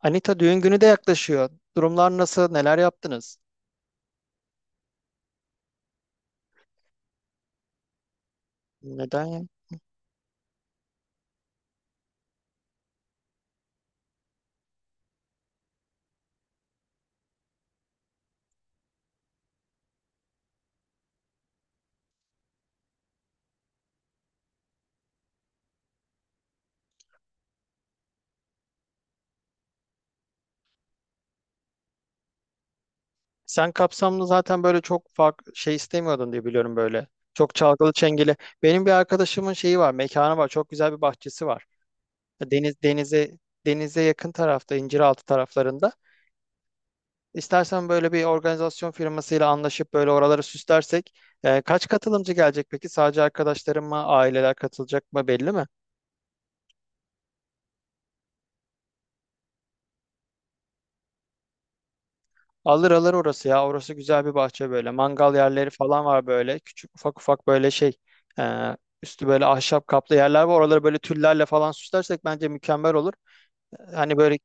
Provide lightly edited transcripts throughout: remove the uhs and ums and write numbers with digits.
Anita düğün günü de yaklaşıyor. Durumlar nasıl? Neler yaptınız? Neden ya? Sen kapsamlı zaten böyle çok farklı şey istemiyordun diye biliyorum böyle. Çok çalgılı çengeli. Benim bir arkadaşımın şeyi var, mekanı var. Çok güzel bir bahçesi var. Deniz denize denize yakın tarafta, İnciraltı taraflarında. İstersen böyle bir organizasyon firmasıyla anlaşıp böyle oraları süslersek. Kaç katılımcı gelecek peki? Sadece arkadaşlarım mı, aileler katılacak mı belli mi? Alır alır orası ya. Orası güzel bir bahçe böyle. Mangal yerleri falan var böyle. Küçük ufak ufak böyle şey. e, Üstü böyle ahşap kaplı yerler var. Oraları böyle tüllerle falan süslersek bence mükemmel olur. Hani böyle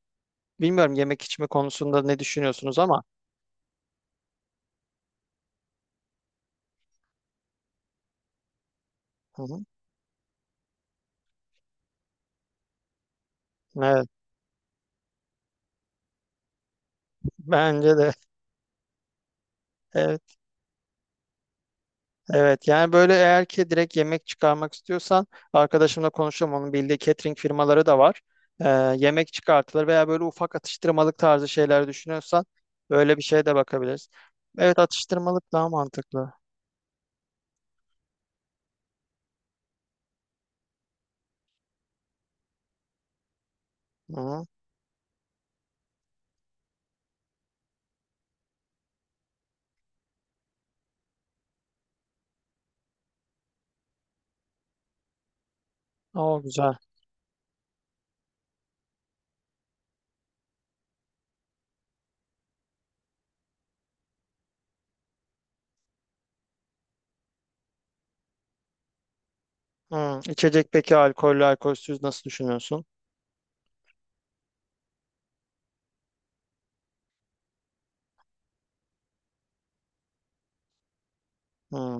bilmiyorum yemek içme konusunda ne düşünüyorsunuz ama. Hı hı. Evet. Bence de. Evet yani böyle eğer ki direkt yemek çıkarmak istiyorsan arkadaşımla konuşalım onun bildiği catering firmaları da var. Ee, Yemek çıkartılır veya böyle ufak atıştırmalık tarzı şeyler düşünüyorsan öyle bir şeye de bakabiliriz. Evet, atıştırmalık daha mantıklı. Hı. O güzel. Hı. İçecek peki alkollü alkolsüz nasıl düşünüyorsun? Hı.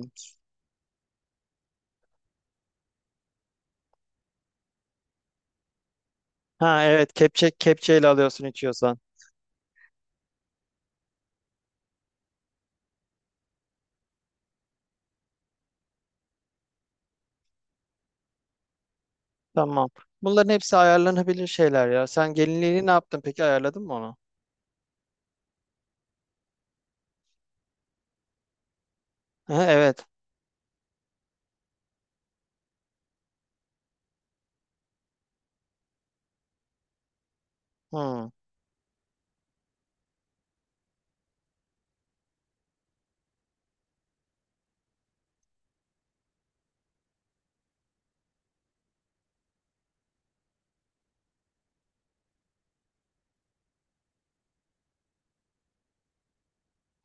Ha evet, kepçeyle alıyorsun içiyorsan. Tamam. Bunların hepsi ayarlanabilir şeyler ya. Sen gelinliğini ne yaptın peki, ayarladın mı onu? Ha, evet. Hı.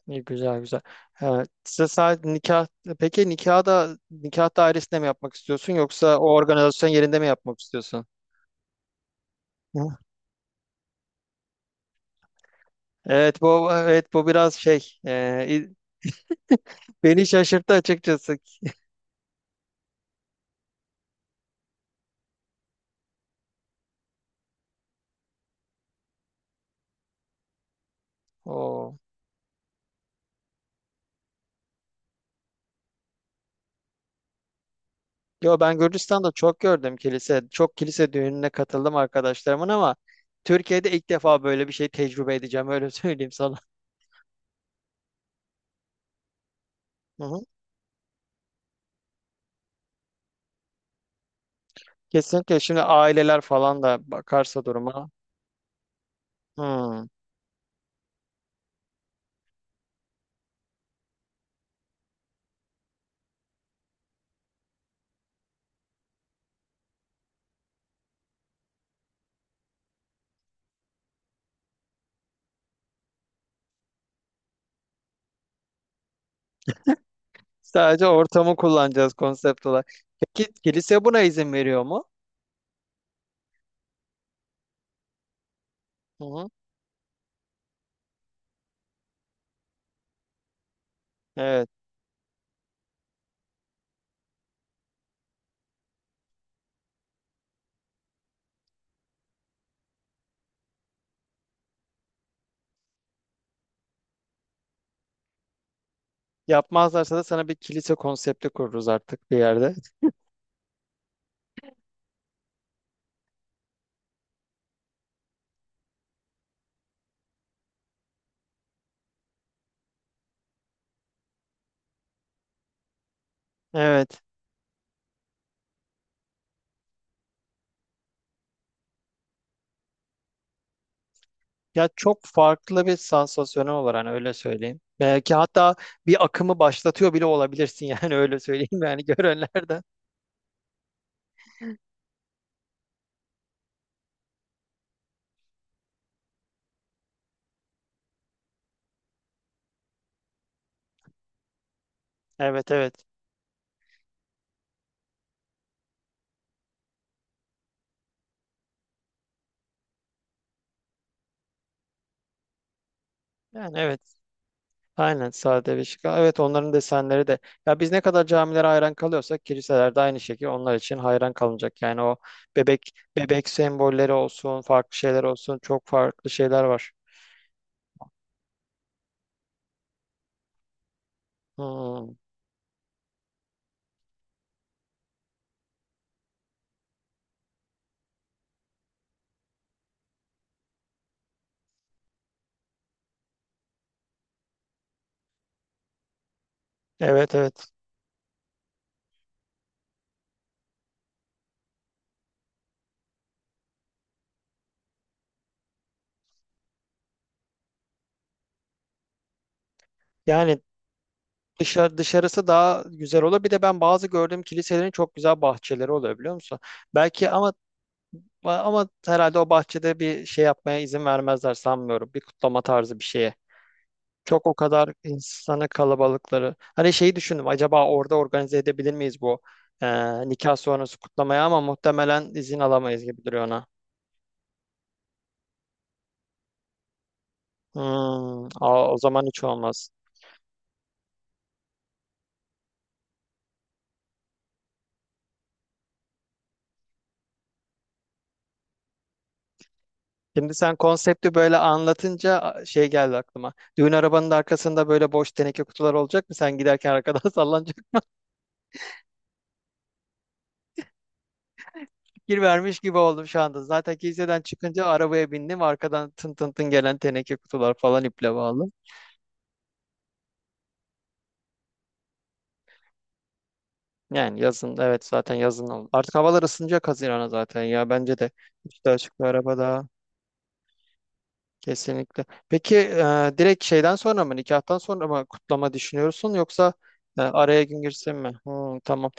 İyi, güzel güzel. Evet. Size sadece nikah Peki, nikah da nikah dairesinde mi yapmak istiyorsun yoksa o organizasyon yerinde mi yapmak istiyorsun? Hı. Evet, bu biraz şey, beni şaşırttı açıkçası. Oo. Yo, ben Gürcistan'da çok gördüm kilise. Çok kilise düğününe katıldım arkadaşlarımın ama Türkiye'de ilk defa böyle bir şey tecrübe edeceğim öyle söyleyeyim sana. Hı hı. Kesinlikle, şimdi aileler falan da bakarsa duruma. Hı. Sadece ortamı kullanacağız, konsept olarak. Peki kilise buna izin veriyor mu? Hı hı. Evet. Yapmazlarsa da sana bir kilise konsepti kururuz artık bir yerde. Evet. Ya çok farklı bir sansasyonel olur hani, öyle söyleyeyim. Belki hatta bir akımı başlatıyor bile olabilirsin yani, öyle söyleyeyim yani, görenlerden. Evet evet. Yani evet. Aynen, sade ve şık. Evet, onların desenleri de. Ya biz ne kadar camilere hayran kalıyorsak kiliselerde aynı şekilde onlar için hayran kalınacak. Yani o bebek bebek sembolleri olsun, farklı şeyler olsun, çok farklı şeyler var. Hmm. Evet evet. Yani dışarısı daha güzel olur. Bir de ben bazı gördüğüm kiliselerin çok güzel bahçeleri oluyor biliyor musun? Belki, ama herhalde o bahçede bir şey yapmaya izin vermezler, sanmıyorum. Bir kutlama tarzı bir şeye. Çok, o kadar insanı, kalabalıkları. Hani şeyi düşündüm, acaba orada organize edebilir miyiz bu nikah sonrası kutlamayı, ama muhtemelen izin alamayız gibi duruyor ona. Hmm, o zaman hiç olmaz. Şimdi sen konsepti böyle anlatınca şey geldi aklıma. Düğün arabanın da arkasında böyle boş teneke kutular olacak mı? Sen giderken arkadan sallanacak, fikir vermiş gibi oldum şu anda. Zaten kiliseden çıkınca arabaya bindim, arkadan tın tın tın gelen teneke kutular falan, iple bağlı. Yani yazın, evet, zaten yazın oldu. Artık havalar ısınacak Haziran'a, zaten ya bence de üstü açık bir araba, daha kesinlikle. Peki direkt şeyden sonra mı, nikahtan sonra mı kutlama düşünüyorsun, yoksa araya gün girsin mi? Hmm, tamam.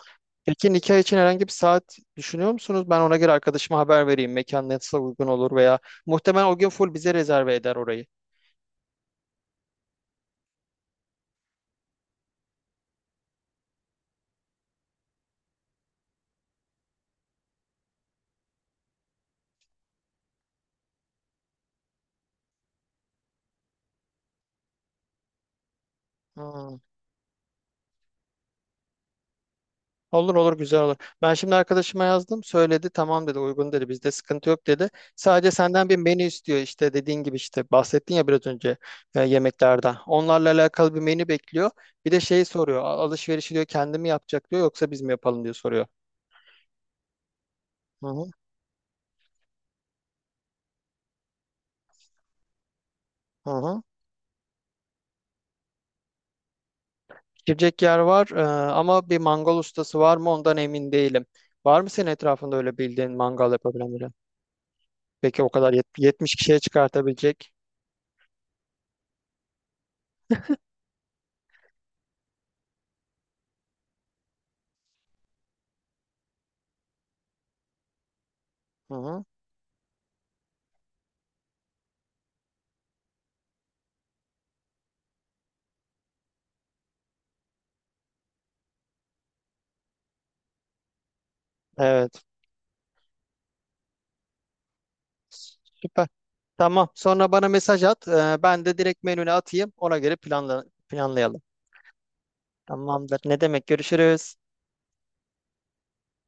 Peki nikah için herhangi bir saat düşünüyor musunuz? Ben ona göre arkadaşıma haber vereyim, mekan nasıl uygun olur, veya muhtemelen o gün full bize rezerve eder orayı. Hmm. Olur olur, güzel olur. Ben şimdi arkadaşıma yazdım. Söyledi tamam dedi, uygun dedi, bizde sıkıntı yok dedi. Sadece senden bir menü istiyor, işte dediğin gibi, işte bahsettin ya biraz önce yemeklerden. Onlarla alakalı bir menü bekliyor. Bir de şey soruyor: Alışverişi, diyor, kendi yapacak, diyor, yoksa biz mi yapalım", diyor, soruyor. Hı hı, hı hı. Girecek yer var, ama bir mangal ustası var mı ondan emin değilim. Var mı senin etrafında öyle bildiğin mangal yapabilen biri? Peki o kadar 70 kişiye çıkartabilecek. Hı hı. Evet. Süper. Tamam. Sonra bana mesaj at. Ben de direkt menüne atayım. Ona göre planlayalım. Tamamdır. Ne demek? Görüşürüz.